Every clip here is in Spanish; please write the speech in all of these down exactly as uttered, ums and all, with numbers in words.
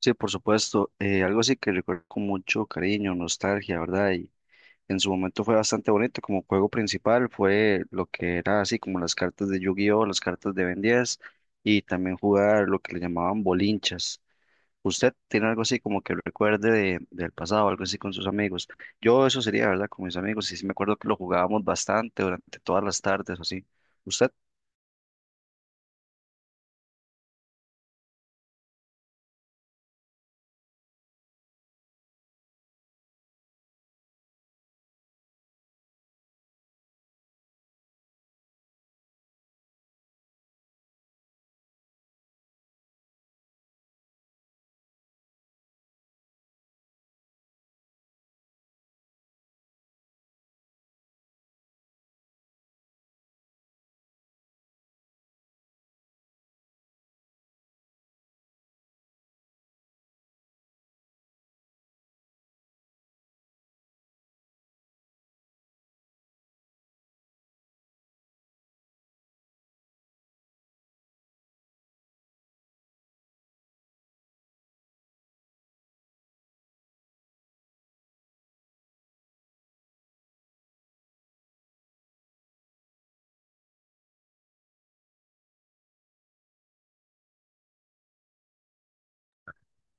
Sí, por supuesto. Eh, algo así que recuerdo con mucho cariño, nostalgia, ¿verdad? Y en su momento fue bastante bonito. Como juego principal fue lo que era así como las cartas de Yu-Gi-Oh, las cartas de Ben diez y también jugar lo que le llamaban bolinchas. ¿Usted tiene algo así como que recuerde de- del pasado, algo así con sus amigos? Yo eso sería, ¿verdad? Con mis amigos y sí me acuerdo que lo jugábamos bastante durante todas las tardes o así. ¿Usted?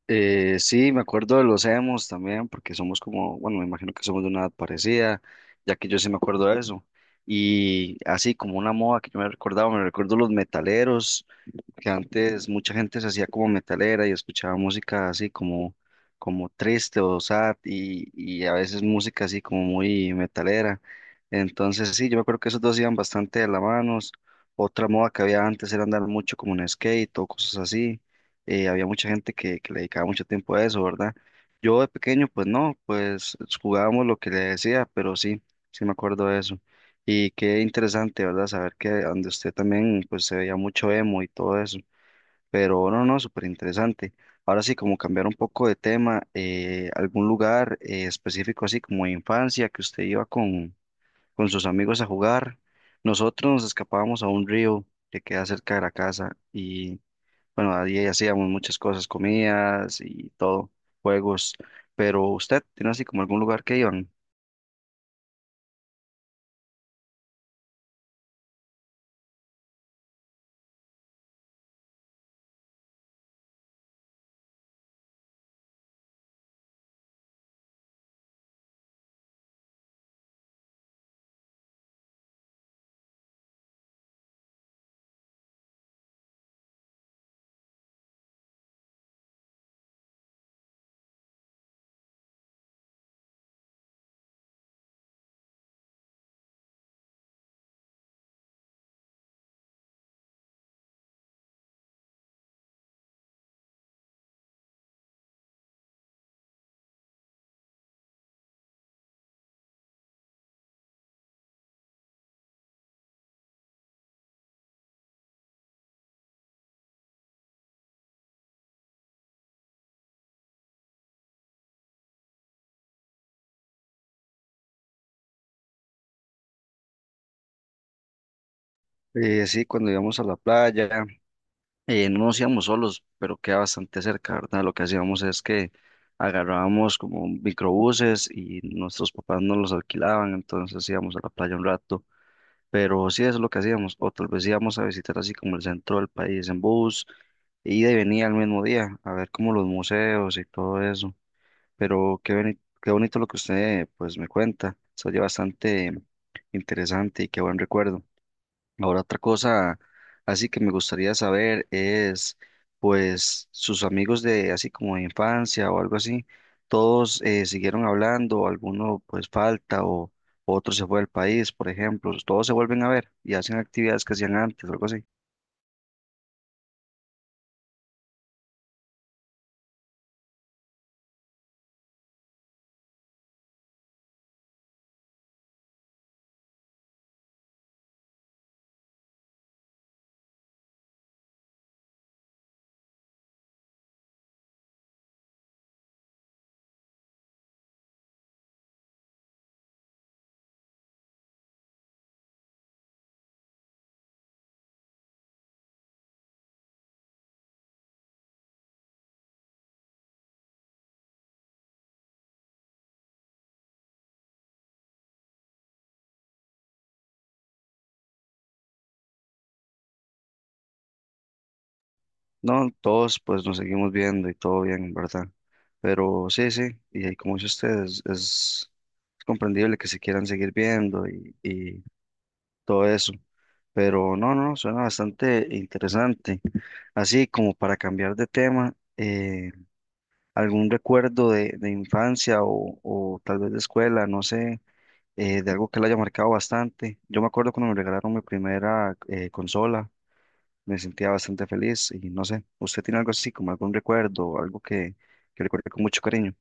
Eh, sí, me acuerdo de los emos también, porque somos como, bueno, me imagino que somos de una edad parecida, ya que yo sí me acuerdo de eso. Y así como una moda que yo me recordaba, me recuerdo los metaleros, que antes mucha gente se hacía como metalera y escuchaba música así como, como triste o sad y, y a veces música así como muy metalera. Entonces sí, yo me acuerdo que esos dos iban bastante de la mano. Otra moda que había antes era andar mucho como en skate o cosas así. Eh, había mucha gente que, que le dedicaba mucho tiempo a eso, ¿verdad? Yo de pequeño, pues no, pues jugábamos lo que le decía, pero sí, sí me acuerdo de eso. Y qué interesante, ¿verdad? Saber que donde usted también pues se veía mucho emo y todo eso. Pero no, no, súper interesante. Ahora sí, como cambiar un poco de tema, eh, algún lugar eh, específico así como de infancia que usted iba con, con sus amigos a jugar. Nosotros nos escapábamos a un río que queda cerca de la casa y bueno, ahí hacíamos muchas cosas, comidas y todo, juegos. Pero usted tiene así como algún lugar que iban. Eh, sí, cuando íbamos a la playa, Eh, no nos íbamos solos, pero queda bastante cerca, ¿verdad? Lo que hacíamos es que agarrábamos como microbuses y nuestros papás nos los alquilaban, entonces íbamos a la playa un rato, pero sí eso es lo que hacíamos, o tal vez íbamos a visitar así como el centro del país en bus, ida y venía al mismo día, a ver como los museos y todo eso, pero qué, boni- qué bonito lo que usted pues me cuenta, se oye bastante interesante y qué buen recuerdo. Ahora otra cosa así que me gustaría saber es, pues, sus amigos de así como de infancia o algo así, todos eh, siguieron hablando, o alguno pues falta o otro se fue del país, por ejemplo, todos se vuelven a ver y hacen actividades que hacían antes o algo así. No, todos pues nos seguimos viendo y todo bien, ¿verdad? Pero sí, sí, y ahí como dice usted, es, es comprendible que se quieran seguir viendo y, y todo eso. Pero no, no, suena bastante interesante. Así como para cambiar de tema, eh, algún recuerdo de, de infancia o, o tal vez de escuela, no sé, eh, de algo que le haya marcado bastante. Yo me acuerdo cuando me regalaron mi primera eh, consola, me sentía bastante feliz y no sé, ¿usted tiene algo así como algún recuerdo, algo que, que recuerde con mucho cariño?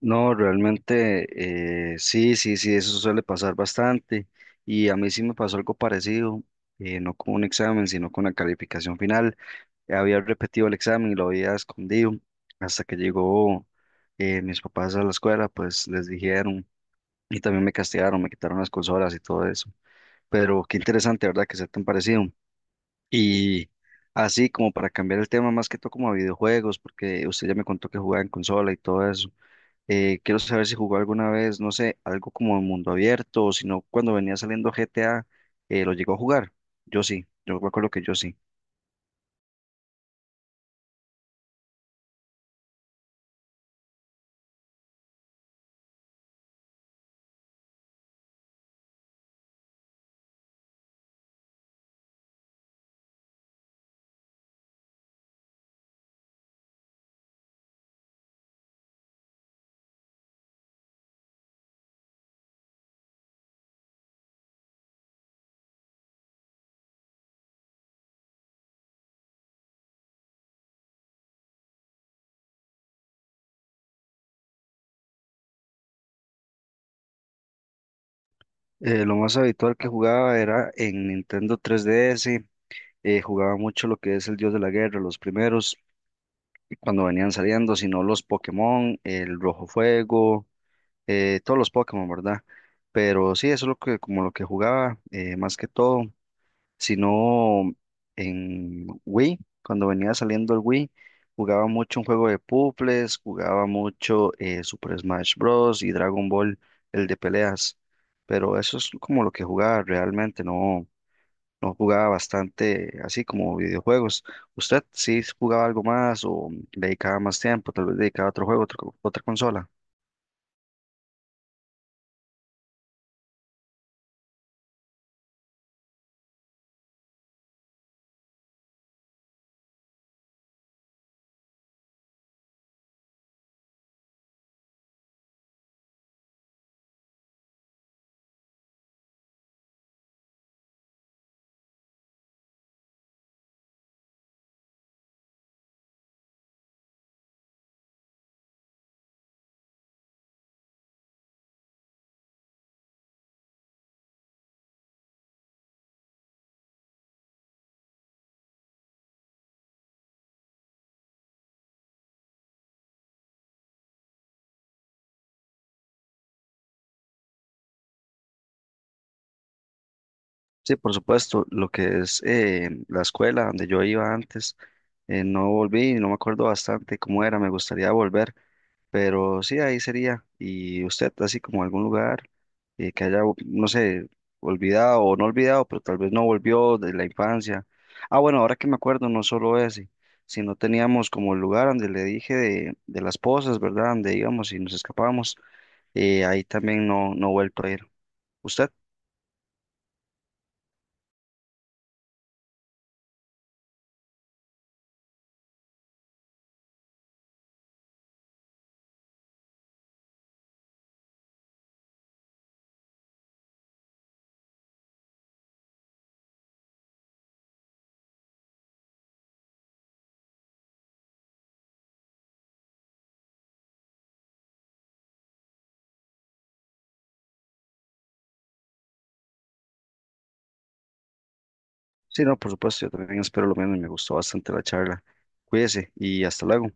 No, realmente eh, sí, sí, sí, eso suele pasar bastante y a mí sí me pasó algo parecido, eh, no con un examen, sino con la calificación final. Había repetido el examen y lo había escondido hasta que llegó eh, mis papás a la escuela, pues les dijeron y también me castigaron, me quitaron las consolas y todo eso. Pero qué interesante, ¿verdad? Que sea tan parecido. Y así como para cambiar el tema más que todo como a videojuegos, porque usted ya me contó que jugaba en consola y todo eso. Eh, quiero saber si jugó alguna vez, no sé, algo como en mundo abierto o si no, cuando venía saliendo G T A, eh, ¿lo llegó a jugar? Yo sí, yo me acuerdo que yo sí. Eh, lo más habitual que jugaba era en Nintendo tres D S, eh, jugaba mucho lo que es el Dios de la Guerra, los primeros, cuando venían saliendo, sino los Pokémon, el Rojo Fuego, eh, todos los Pokémon, ¿verdad? Pero sí, eso es lo que, como lo que jugaba, eh, más que todo sino en Wii, cuando venía saliendo el Wii, jugaba mucho un juego de puzzles, jugaba mucho eh, Super Smash Bros. Y Dragon Ball, el de peleas, pero eso es como lo que jugaba realmente, no, no jugaba bastante así como videojuegos. ¿Usted sí jugaba algo más o dedicaba más tiempo, tal vez dedicaba a otro juego, otro- otra consola? Sí, por supuesto, lo que es eh, la escuela donde yo iba antes, eh, no volví, no me acuerdo bastante cómo era, me gustaría volver, pero sí, ahí sería. ¿Y usted, así como algún lugar eh, que haya, no sé, olvidado o no olvidado, pero tal vez no volvió de la infancia? Ah, bueno, ahora que me acuerdo, no solo ese, sino teníamos como el lugar donde le dije de, de las pozas, ¿verdad? Donde íbamos y nos escapábamos, eh, ahí también no, no he vuelto a ir. ¿Usted? Sí, no, por supuesto, yo también espero lo mismo y me gustó bastante la charla. Cuídese y hasta luego.